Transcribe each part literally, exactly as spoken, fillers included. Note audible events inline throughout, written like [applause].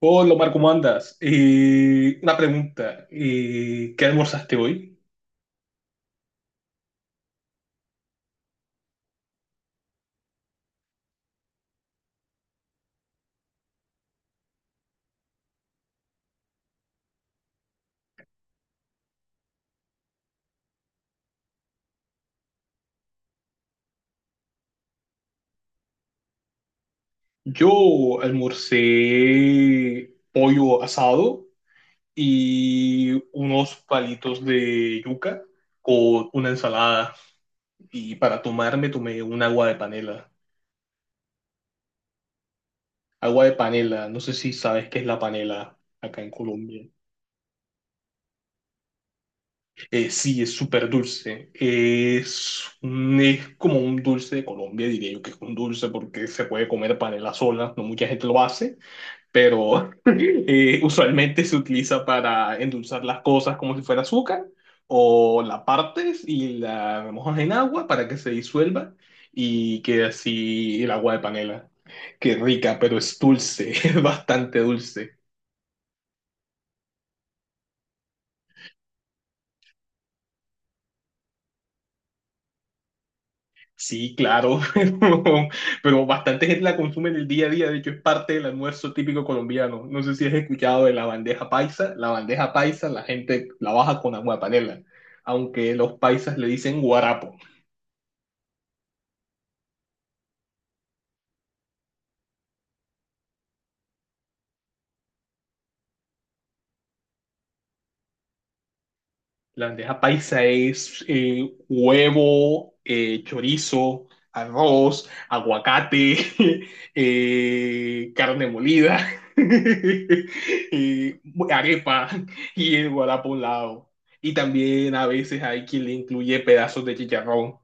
Hola Omar, ¿cómo andas? Eh, una pregunta, eh, ¿qué almorzaste hoy? Yo almorcé pollo asado y unos palitos de yuca con una ensalada y para tomarme tomé un agua de panela. Agua de panela, no sé si sabes qué es la panela acá en Colombia. Eh, sí, es súper dulce. Es, un- es como un dulce de Colombia, diría yo que es un dulce porque se puede comer panela sola, no mucha gente lo hace, pero [laughs] eh, usualmente se utiliza para endulzar las cosas como si fuera azúcar o la partes y la mojas en agua para que se disuelva y quede así el agua de panela. Qué rica, pero es dulce, [laughs] es bastante dulce. Sí, claro, [laughs] pero, pero bastante gente la consume en el día a día, de hecho es parte del almuerzo típico colombiano. No sé si has escuchado de la bandeja paisa, la bandeja paisa la gente la baja con agua de panela, aunque los paisas le dicen guarapo. La bandeja paisa es eh, huevo, eh, chorizo, arroz, aguacate, [laughs] eh, carne molida, [laughs] eh, arepa y el guará por un lado. Y también a veces hay quien le incluye pedazos de chicharrón.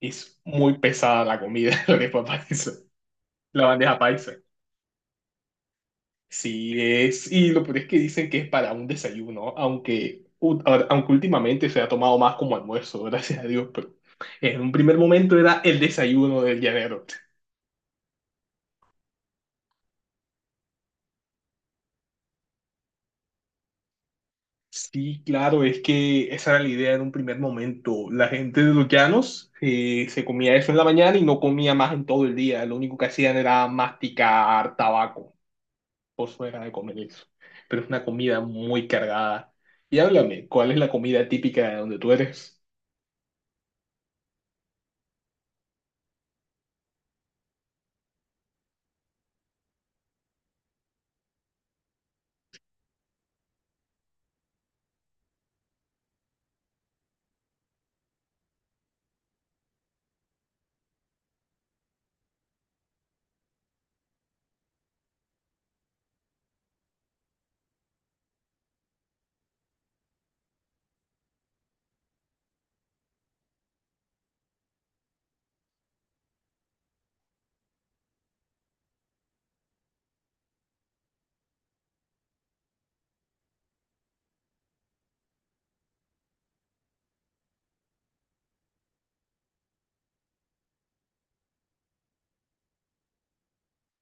Es muy pesada la comida, [laughs] la arepa paisa, la bandeja paisa. Sí, es, y lo peor es que dicen que es para un desayuno, aunque, u- a- aunque últimamente se ha tomado más como almuerzo, [laughs] gracias a Dios, pero en un primer momento era el desayuno del llanero. Sí, claro, es que esa era la idea en un primer momento. La gente de los llanos eh, se comía eso en la mañana y no comía más en todo el día. Lo único que hacían era masticar tabaco, por eso era de comer eso. Pero es una comida muy cargada. Y háblame, ¿cuál es la comida típica de donde tú eres?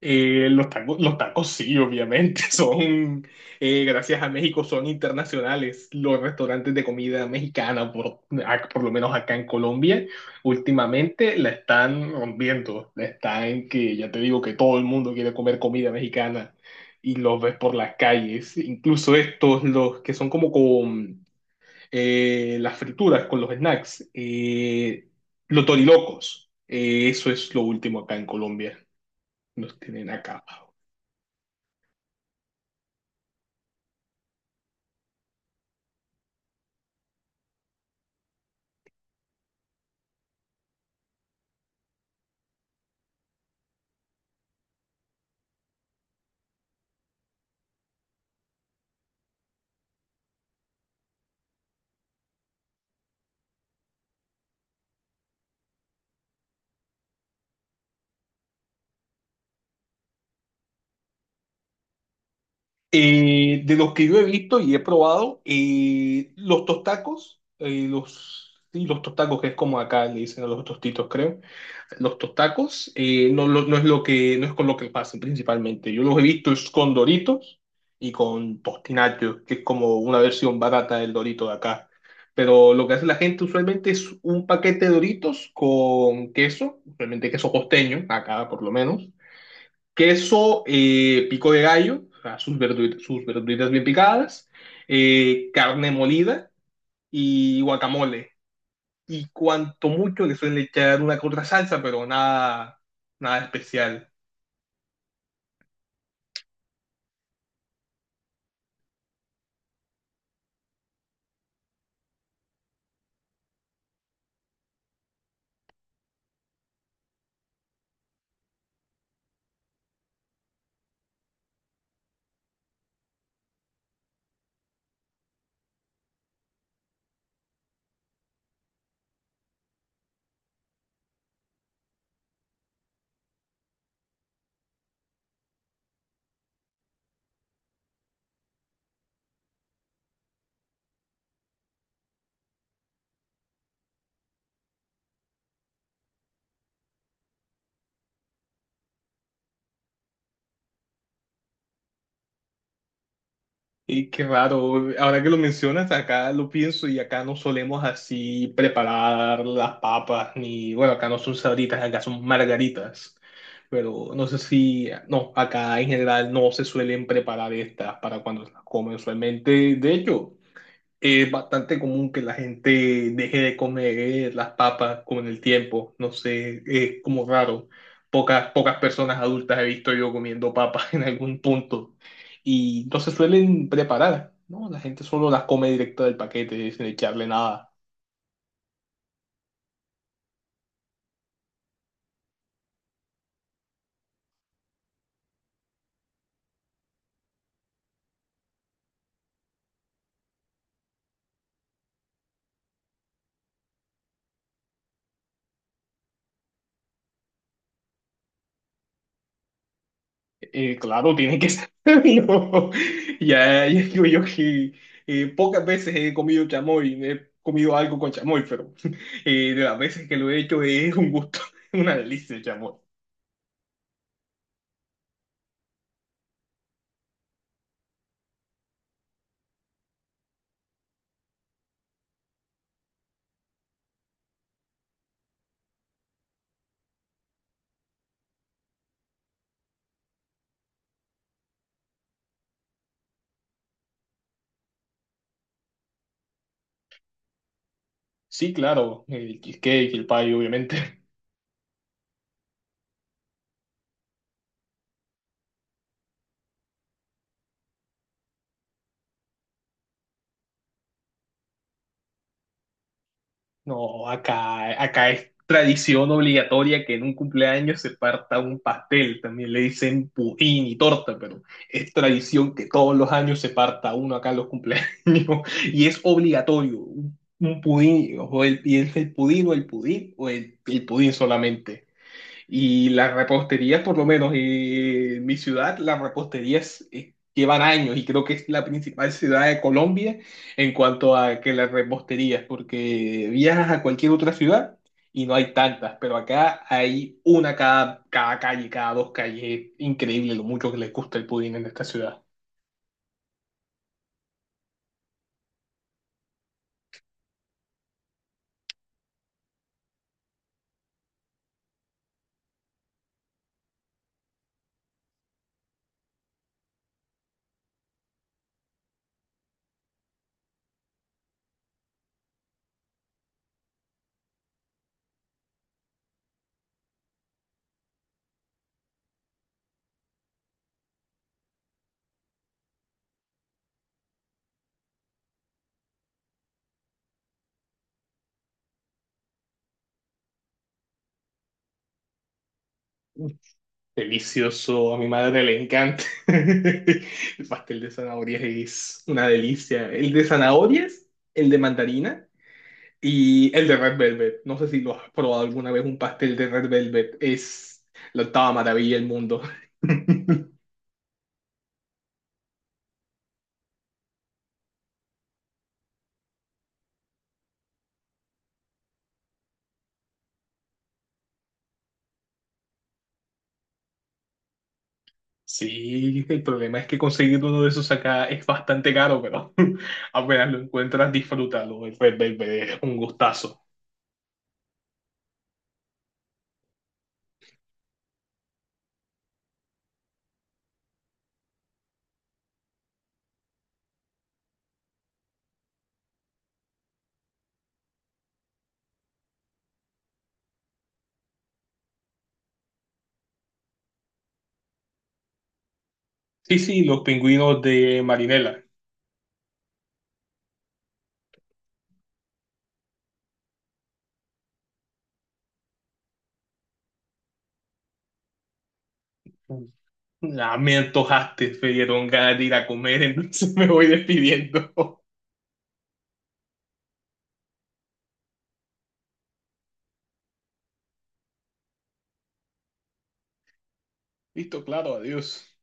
Eh, los tacos, los tacos sí, obviamente, [laughs] son, eh, gracias a México, son internacionales. Los restaurantes de comida mexicana, por, ac- por lo menos acá en Colombia, últimamente la están rompiendo. La están que, ya te digo, que todo el mundo quiere comer comida mexicana y los ves por las calles. Incluso estos, los que son como con eh, las frituras, con los snacks, eh, los torilocos. Eh, eso es lo último acá en Colombia. Los tienen acá. Eh, de los que yo he visto y he probado, eh, los tostacos, eh, los, sí, los tostacos, que es como acá le dicen a los tostitos, creo. Los tostacos eh, no, lo- no es lo que, no es con lo que pasan principalmente. Yo los he visto es con Doritos y con Tostinacho, que es como una versión barata del Dorito de acá. Pero lo que hace la gente usualmente es un paquete de Doritos con queso, usualmente queso costeño, acá por lo menos queso, eh, pico de gallo, o sea, sus verdu- sus verduritas bien picadas, eh, carne molida y guacamole. Y cuanto mucho le suelen echar una que otra salsa, pero nada, nada especial. Y qué raro, ahora que lo mencionas, acá lo pienso y acá no solemos así preparar las papas, ni bueno, acá no son sabritas, acá son margaritas, pero no sé si, no, acá en general no se suelen preparar estas para cuando las comen usualmente, de hecho. Es bastante común que la gente deje de comer eh, las papas con el tiempo. No sé, es como raro. Pocas, pocas personas adultas he visto yo comiendo papas [laughs] en algún punto. Y no se suelen preparar, ¿no? La gente solo las come directo del paquete, sin echarle nada. Eh, claro, tiene que ser. [laughs] No. Ya, ya [laughs] digo yo que eh, pocas veces he comido chamoy, he comido algo con chamoy, pero [laughs] eh, de las veces que lo he hecho es un gusto, [laughs] una delicia el chamoy. Sí, claro, el cheesecake, el payo, obviamente. [laughs] No, acá, acá es tradición obligatoria que en un cumpleaños se parta un pastel. También le dicen pudín y torta, pero es tradición que todos los años se parta uno acá en los cumpleaños [laughs] y es obligatorio. Un, un pudín, o el, y es el pudín o el pudín o el, el pudín solamente. Y las reposterías, por lo menos eh, en mi ciudad, las reposterías eh, llevan años y creo que es la principal ciudad de Colombia en cuanto a que las reposterías, porque viajas a cualquier otra ciudad y no hay tantas, pero acá hay una cada, cada calle, cada dos calles. Increíble lo mucho que les gusta el pudín en esta ciudad. Delicioso, a mi madre le encanta. [laughs] El pastel de zanahorias es una delicia. El de zanahorias, el de mandarina. Y el de Red Velvet, no sé si lo has probado alguna vez, un pastel de Red Velvet es la octava maravilla del mundo. [laughs] Sí, el problema es que conseguir uno de esos acá es bastante caro, pero [laughs] apenas lo encuentras, disfrútalo. El Red Velvet es un gustazo. Sí, sí, los pingüinos de Marinela. Ah, me antojaste, me dieron ganas de ir a comer, entonces [laughs] me voy despidiendo. [laughs] Listo, claro, adiós.